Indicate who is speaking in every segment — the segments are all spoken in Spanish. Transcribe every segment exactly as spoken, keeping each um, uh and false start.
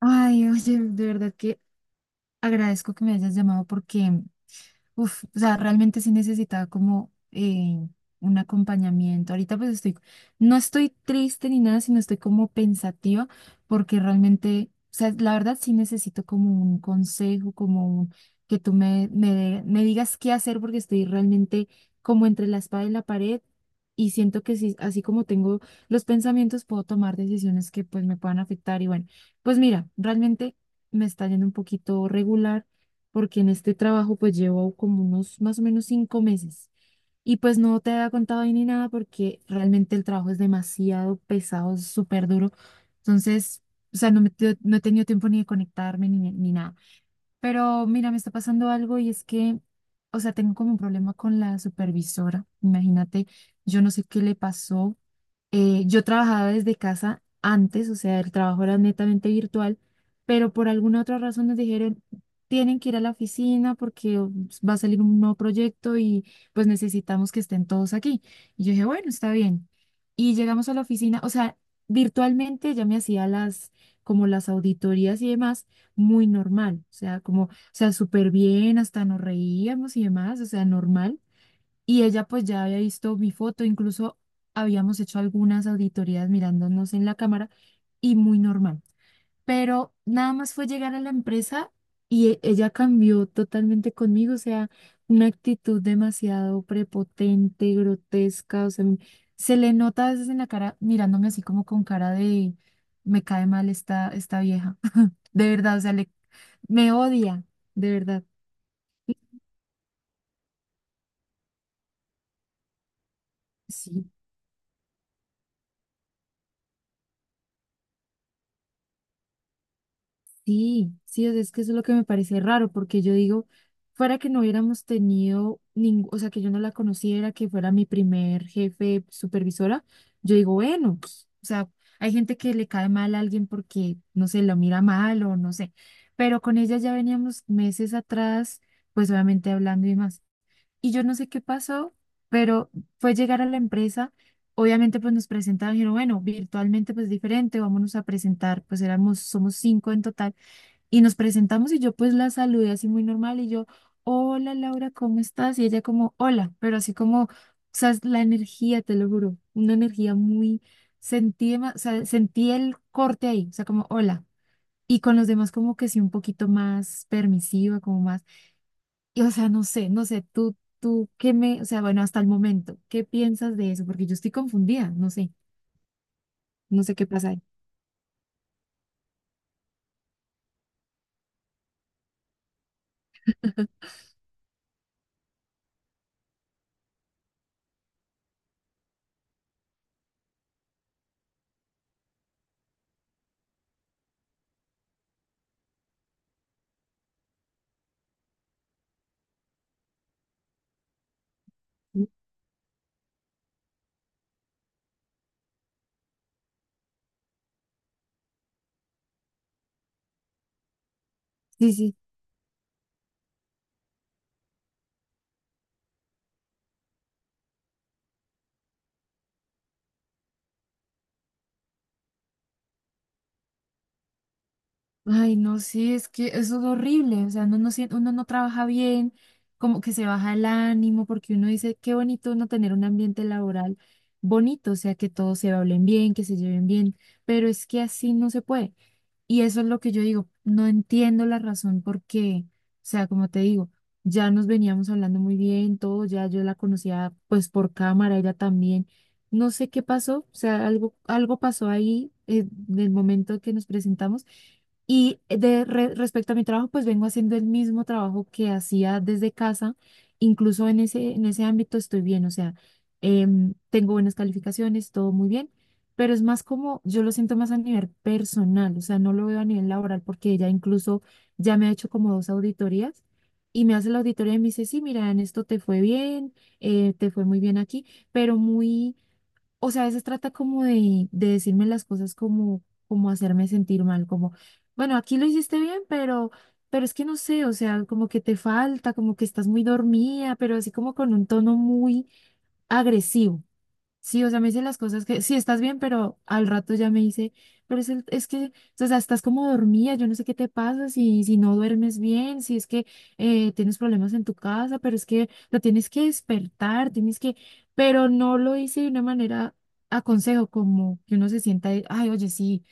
Speaker 1: Ay, oye, de verdad que agradezco que me hayas llamado porque, mm, Uf, o sea, realmente sí necesitaba como eh, un acompañamiento. Ahorita pues estoy, no estoy triste ni nada, sino estoy como pensativa porque realmente, o sea, la verdad sí necesito como un consejo, como un- que tú me, me, de- me digas qué hacer porque estoy realmente como entre la espada y la pared y siento que sí, así como tengo los pensamientos, puedo tomar decisiones que pues me puedan afectar. Y bueno, pues mira, realmente me está yendo un poquito regular porque en este trabajo pues llevo como unos más o menos cinco meses y pues no te había contado ahí ni nada porque realmente el trabajo es demasiado pesado, es súper duro. Entonces, o sea, no, me, te- no he tenido tiempo ni de conectarme ni, ni nada. Pero mira, me está pasando algo y es que, o sea, tengo como un problema con la supervisora. Imagínate, yo no sé qué le pasó eh, yo trabajaba desde casa antes, o sea, el trabajo era netamente virtual, pero por alguna otra razón nos dijeron, tienen que ir a la oficina porque oh, va a salir un nuevo proyecto y pues necesitamos que estén todos aquí. Y yo dije, bueno, está bien. Y llegamos a la oficina, o sea, virtualmente ya me hacía las, como las auditorías y demás, muy normal, o sea, como, o sea, súper bien, hasta nos reíamos y demás, o sea, normal y ella pues ya había visto mi foto, incluso habíamos hecho algunas auditorías mirándonos en la cámara y muy normal. Pero nada más fue llegar a la empresa y e- ella cambió totalmente conmigo, o sea, una actitud demasiado prepotente, grotesca, o sea, m- se le nota a veces en la cara mirándome así como con cara de me cae mal esta, esta vieja, de verdad, o sea, le, me odia, de verdad. Sí. Sí, sí, o sea, es que eso es lo que me parece raro, porque yo digo, fuera que no hubiéramos tenido ningún, o sea, que yo no la conociera, que fuera mi primer jefe supervisora, yo digo, bueno, pues, o sea, hay gente que le cae mal a alguien porque, no sé, lo mira mal o no sé, pero con ella ya veníamos meses atrás, pues obviamente hablando y más. Y yo no sé qué pasó, pero fue llegar a la empresa, obviamente pues nos presentaron y dijeron, bueno, virtualmente pues diferente, vámonos a presentar, pues éramos, somos cinco en total y nos presentamos y yo pues la saludé así muy normal y yo, hola Laura, ¿cómo estás? Y ella como, hola, pero así como, o sea, es la energía, te lo juro, una energía muy, sentí, dema- o sea, sentí el corte ahí, o sea, como, hola. Y con los demás como que sí, un poquito más permisiva, como más, y o sea, no sé, no sé, tú, tú, ¿qué me, o sea, bueno, hasta el momento, ¿qué piensas de eso? Porque yo estoy confundida, no sé, no sé qué pasa ahí. Sí, sí. Ay, no, sí, es que eso es horrible, o sea, uno no, sien- uno no trabaja bien, como que se baja el ánimo, porque uno dice, qué bonito uno tener un ambiente laboral bonito, o sea, que todos se hablen bien, que se lleven bien, pero es que así no se puede. Y eso es lo que yo digo, no entiendo la razón por qué, o sea, como te digo, ya nos veníamos hablando muy bien, todo, ya yo la conocía pues por cámara, ella también, no sé qué pasó, o sea, algo, algo pasó ahí eh, del momento que nos presentamos y de re- respecto a mi trabajo, pues vengo haciendo el mismo trabajo que hacía desde casa, incluso en ese, en ese ámbito estoy bien, o sea, em, tengo buenas calificaciones, todo muy bien, pero es más como, yo lo siento más a nivel personal, o sea, no lo veo a nivel laboral porque ella incluso ya me ha hecho como dos auditorías y me hace la auditoría y me dice, sí, mira, en esto te fue bien, eh, te fue muy bien aquí, pero muy, o sea, a veces trata como de, de decirme las cosas como, como hacerme sentir mal, como, bueno, aquí lo hiciste bien, pero... Pero es que no sé, o sea, como que te falta, como que estás muy dormida, pero así como con un tono muy agresivo. Sí, o sea, me dice las cosas que, sí, estás bien, pero al rato ya me dice, pero es, el- es que, o sea, estás como dormida, yo no sé qué te pasa, si, si no duermes bien, si es que eh, tienes problemas en tu casa, pero es que lo tienes que despertar, tienes que, pero no lo hice de una manera a consejo, como que uno se sienta, y, ay, oye, sí,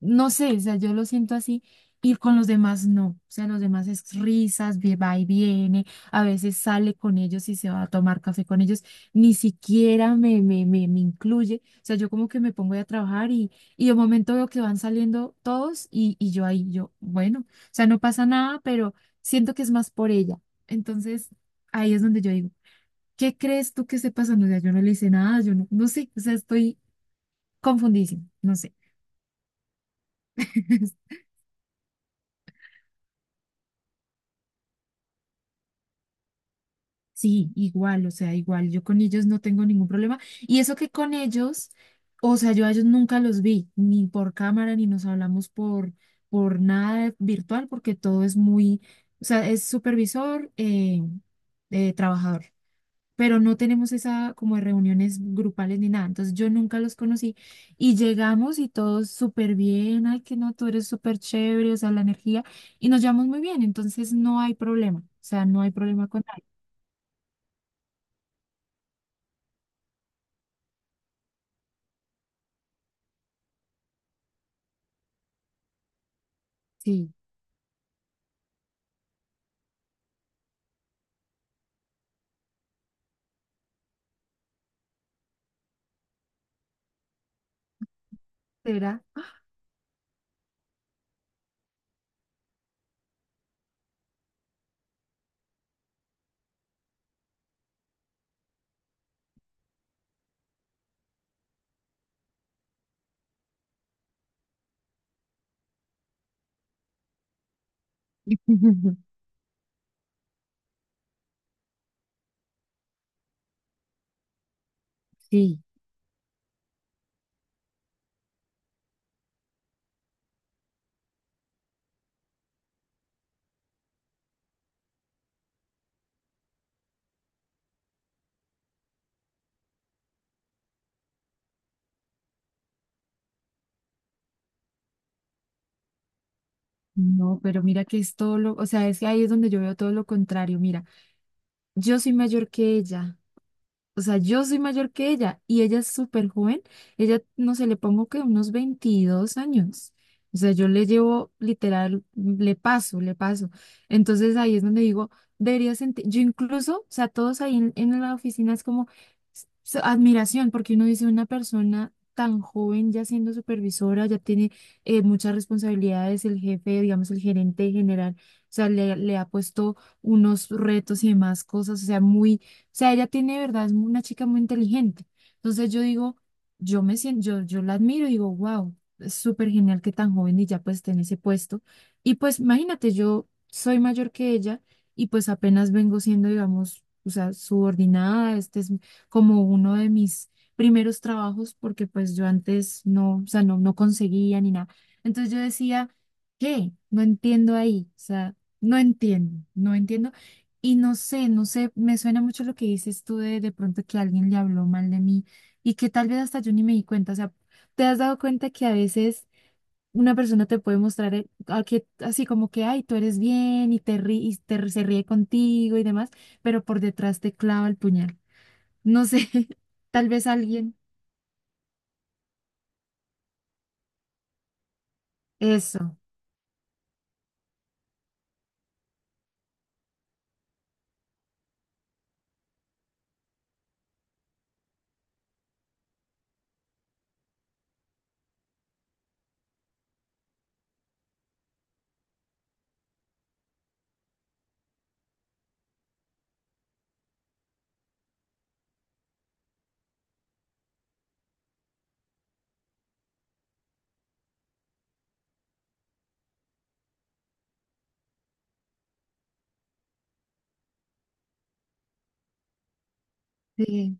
Speaker 1: no sé, o sea, yo lo siento así y con los demás no, o sea, los demás es risas, vie- va y viene, a veces sale con ellos y se va a tomar café con ellos, ni siquiera me, me, me, me incluye, o sea, yo como que me pongo ahí a trabajar y, y de momento veo que van saliendo todos y, y yo ahí, yo, bueno, o sea, no pasa nada, pero siento que es más por ella, entonces ahí es donde yo digo, ¿qué crees tú que esté pasando? O sea, yo no le hice nada, yo no, no sé, o sea, estoy confundidísima, no sé. Sí, igual, o sea, igual, yo con ellos no tengo ningún problema. Y eso que con ellos, o sea, yo a ellos nunca los vi, ni por cámara, ni nos hablamos por, por nada virtual, porque todo es muy, o sea, es supervisor, eh, eh, trabajador, pero no tenemos esa como de reuniones grupales ni nada. Entonces yo nunca los conocí y llegamos y todos súper bien, ay, que no, tú eres súper chévere, o sea, la energía, y nos llevamos muy bien, entonces no hay problema, o sea, no hay problema con nadie. Sí. ¿Será? Sí, no, pero mira que es todo lo, o sea, es que ahí es donde yo veo todo lo contrario. Mira, yo soy mayor que ella. O sea, yo soy mayor que ella y ella es súper joven. Ella, no sé, le pongo que unos veintidós años. O sea, yo le llevo literal, le paso, le paso. Entonces ahí es donde digo, debería sentir, yo incluso, o sea, todos ahí en, en la oficina es como s- s- admiración, porque uno dice una persona tan joven ya siendo supervisora, ya tiene eh, muchas responsabilidades, el jefe, digamos, el gerente general, o sea, le, le ha puesto unos retos y demás cosas, o sea, muy sea, ella tiene, de verdad, es una chica muy inteligente. Entonces yo digo, yo me siento, yo, yo la admiro y digo, wow, es súper genial que tan joven y ya pues esté en ese puesto. Y pues imagínate, yo soy mayor que ella y pues apenas vengo siendo, digamos, o sea, subordinada, este es como uno de mis primeros trabajos porque pues yo antes no, o sea, no, no conseguía ni nada. Entonces yo decía, ¿qué? No entiendo ahí, o sea, no entiendo, no entiendo y no sé, no sé, me suena mucho lo que dices tú de de pronto que alguien le habló mal de mí y que tal vez hasta yo ni me di cuenta. O sea, ¿te has dado cuenta que a veces una persona te puede mostrar eh, a que, así como que, ay, tú eres bien y te rí- y te- se ríe contigo y demás, pero por detrás te clava el puñal? No sé, tal vez alguien. Eso. Sí.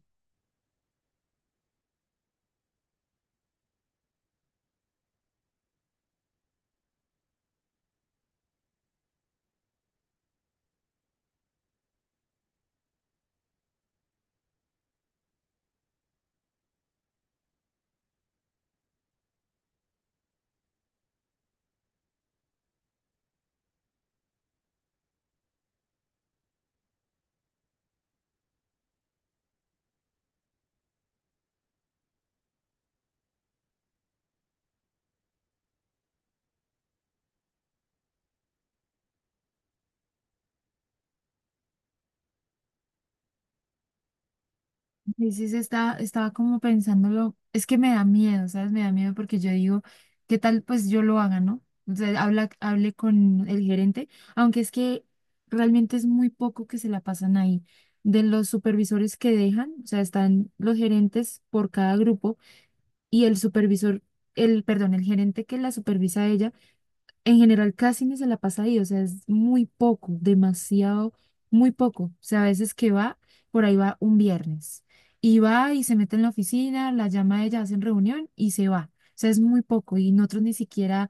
Speaker 1: Dices, está, estaba como pensándolo, es que me da miedo, ¿sabes? Me da miedo porque yo digo, ¿qué tal pues yo lo haga, ¿no? O sea, habla, hable con el gerente, aunque es que realmente es muy poco que se la pasan ahí. De los supervisores que dejan, o sea, están los gerentes por cada grupo y el supervisor, el, perdón, el gerente que la supervisa a ella en general casi ni se la pasa ahí, o sea, es muy poco, demasiado, muy poco. O sea, a veces que va, por ahí va un viernes y va y se mete en la oficina, la llama a ella, hacen reunión y se va. O sea, es muy poco y nosotros ni siquiera,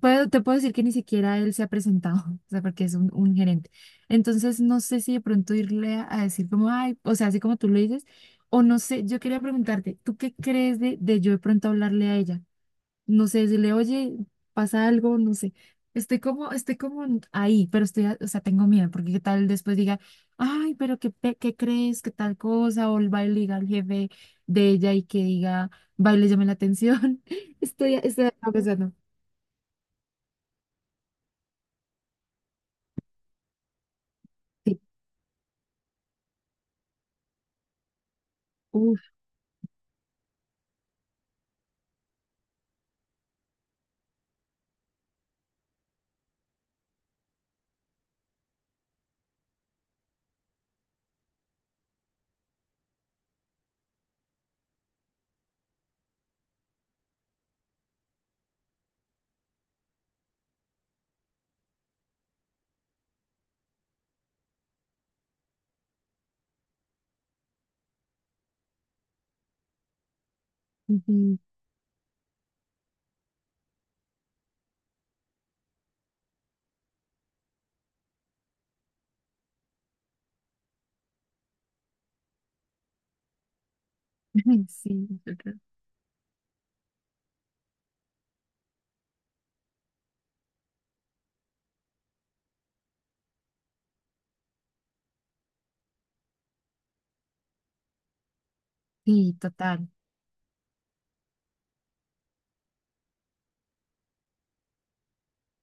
Speaker 1: puedo, te puedo decir que ni siquiera él se ha presentado, o sea, porque es un, un gerente. Entonces, no sé si de pronto irle a, a decir como, ay, o sea, así como tú lo dices, o no sé, yo quería preguntarte, ¿tú qué crees de, de yo de pronto hablarle a ella? No sé, decirle, oye, pasa algo, no sé. Estoy como, estoy como en- ahí, pero estoy, a- o sea, tengo miedo, porque qué tal después diga, ay, pero qué, pe- qué crees, qué tal cosa, o el baile diga al jefe de ella y que diga, baile, llame la atención. Estoy, estoy acá pensando, sí, uff, sí, yo creo. Sí, total.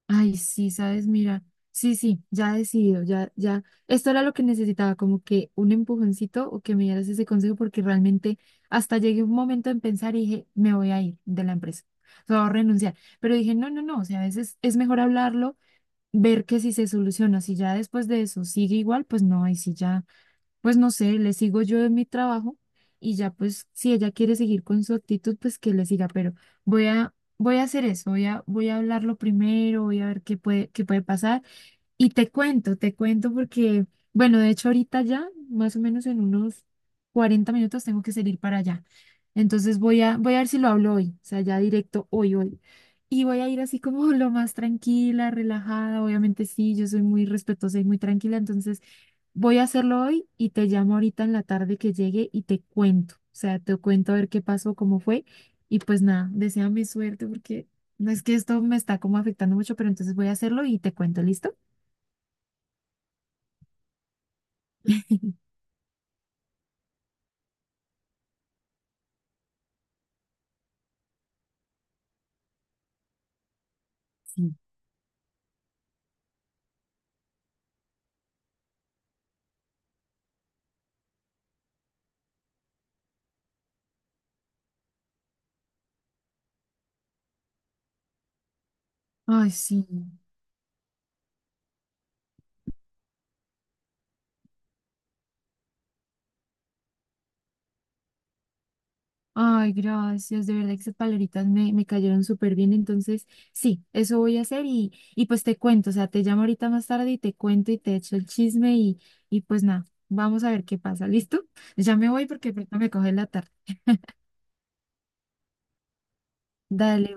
Speaker 1: Ay, sí, sabes, mira, sí, sí, ya he decidido, ya, ya, esto era lo que necesitaba, como que un empujoncito o que me dieras ese consejo, porque realmente hasta llegué un momento en pensar y dije, me voy a ir de la empresa, o sea, voy a renunciar, pero dije, no, no, no, o sea, a veces es mejor hablarlo, ver que si se soluciona, si ya después de eso sigue igual, pues no, y si ya, pues no sé, le sigo yo en mi trabajo y ya pues si ella quiere seguir con su actitud, pues que le siga, pero voy a, voy a hacer eso, voy a, voy a hablarlo primero, voy a ver qué puede, qué puede pasar. Y te cuento, te cuento porque, bueno, de hecho ahorita ya, más o menos en unos cuarenta minutos tengo que salir para allá. Entonces voy a, voy a ver si lo hablo hoy, o sea, ya directo hoy, hoy. Y voy a ir así como lo más tranquila, relajada. Obviamente sí, yo soy muy respetuosa y muy tranquila, entonces voy a hacerlo hoy y te llamo ahorita en la tarde que llegue y te cuento. O sea, te cuento a ver qué pasó, cómo fue. Y pues nada, deséame suerte porque no es que esto me está como afectando mucho, pero entonces voy a hacerlo y te cuento, ¿listo? Sí. Ay, sí. Ay, gracias. De verdad que esas palabritas me, me cayeron súper bien. Entonces, sí, eso voy a hacer y, y pues te cuento. O sea, te llamo ahorita más tarde y te cuento y te echo el chisme y, y pues nada, vamos a ver qué pasa. ¿Listo? Ya me voy porque pronto me coge la tarde. Dale,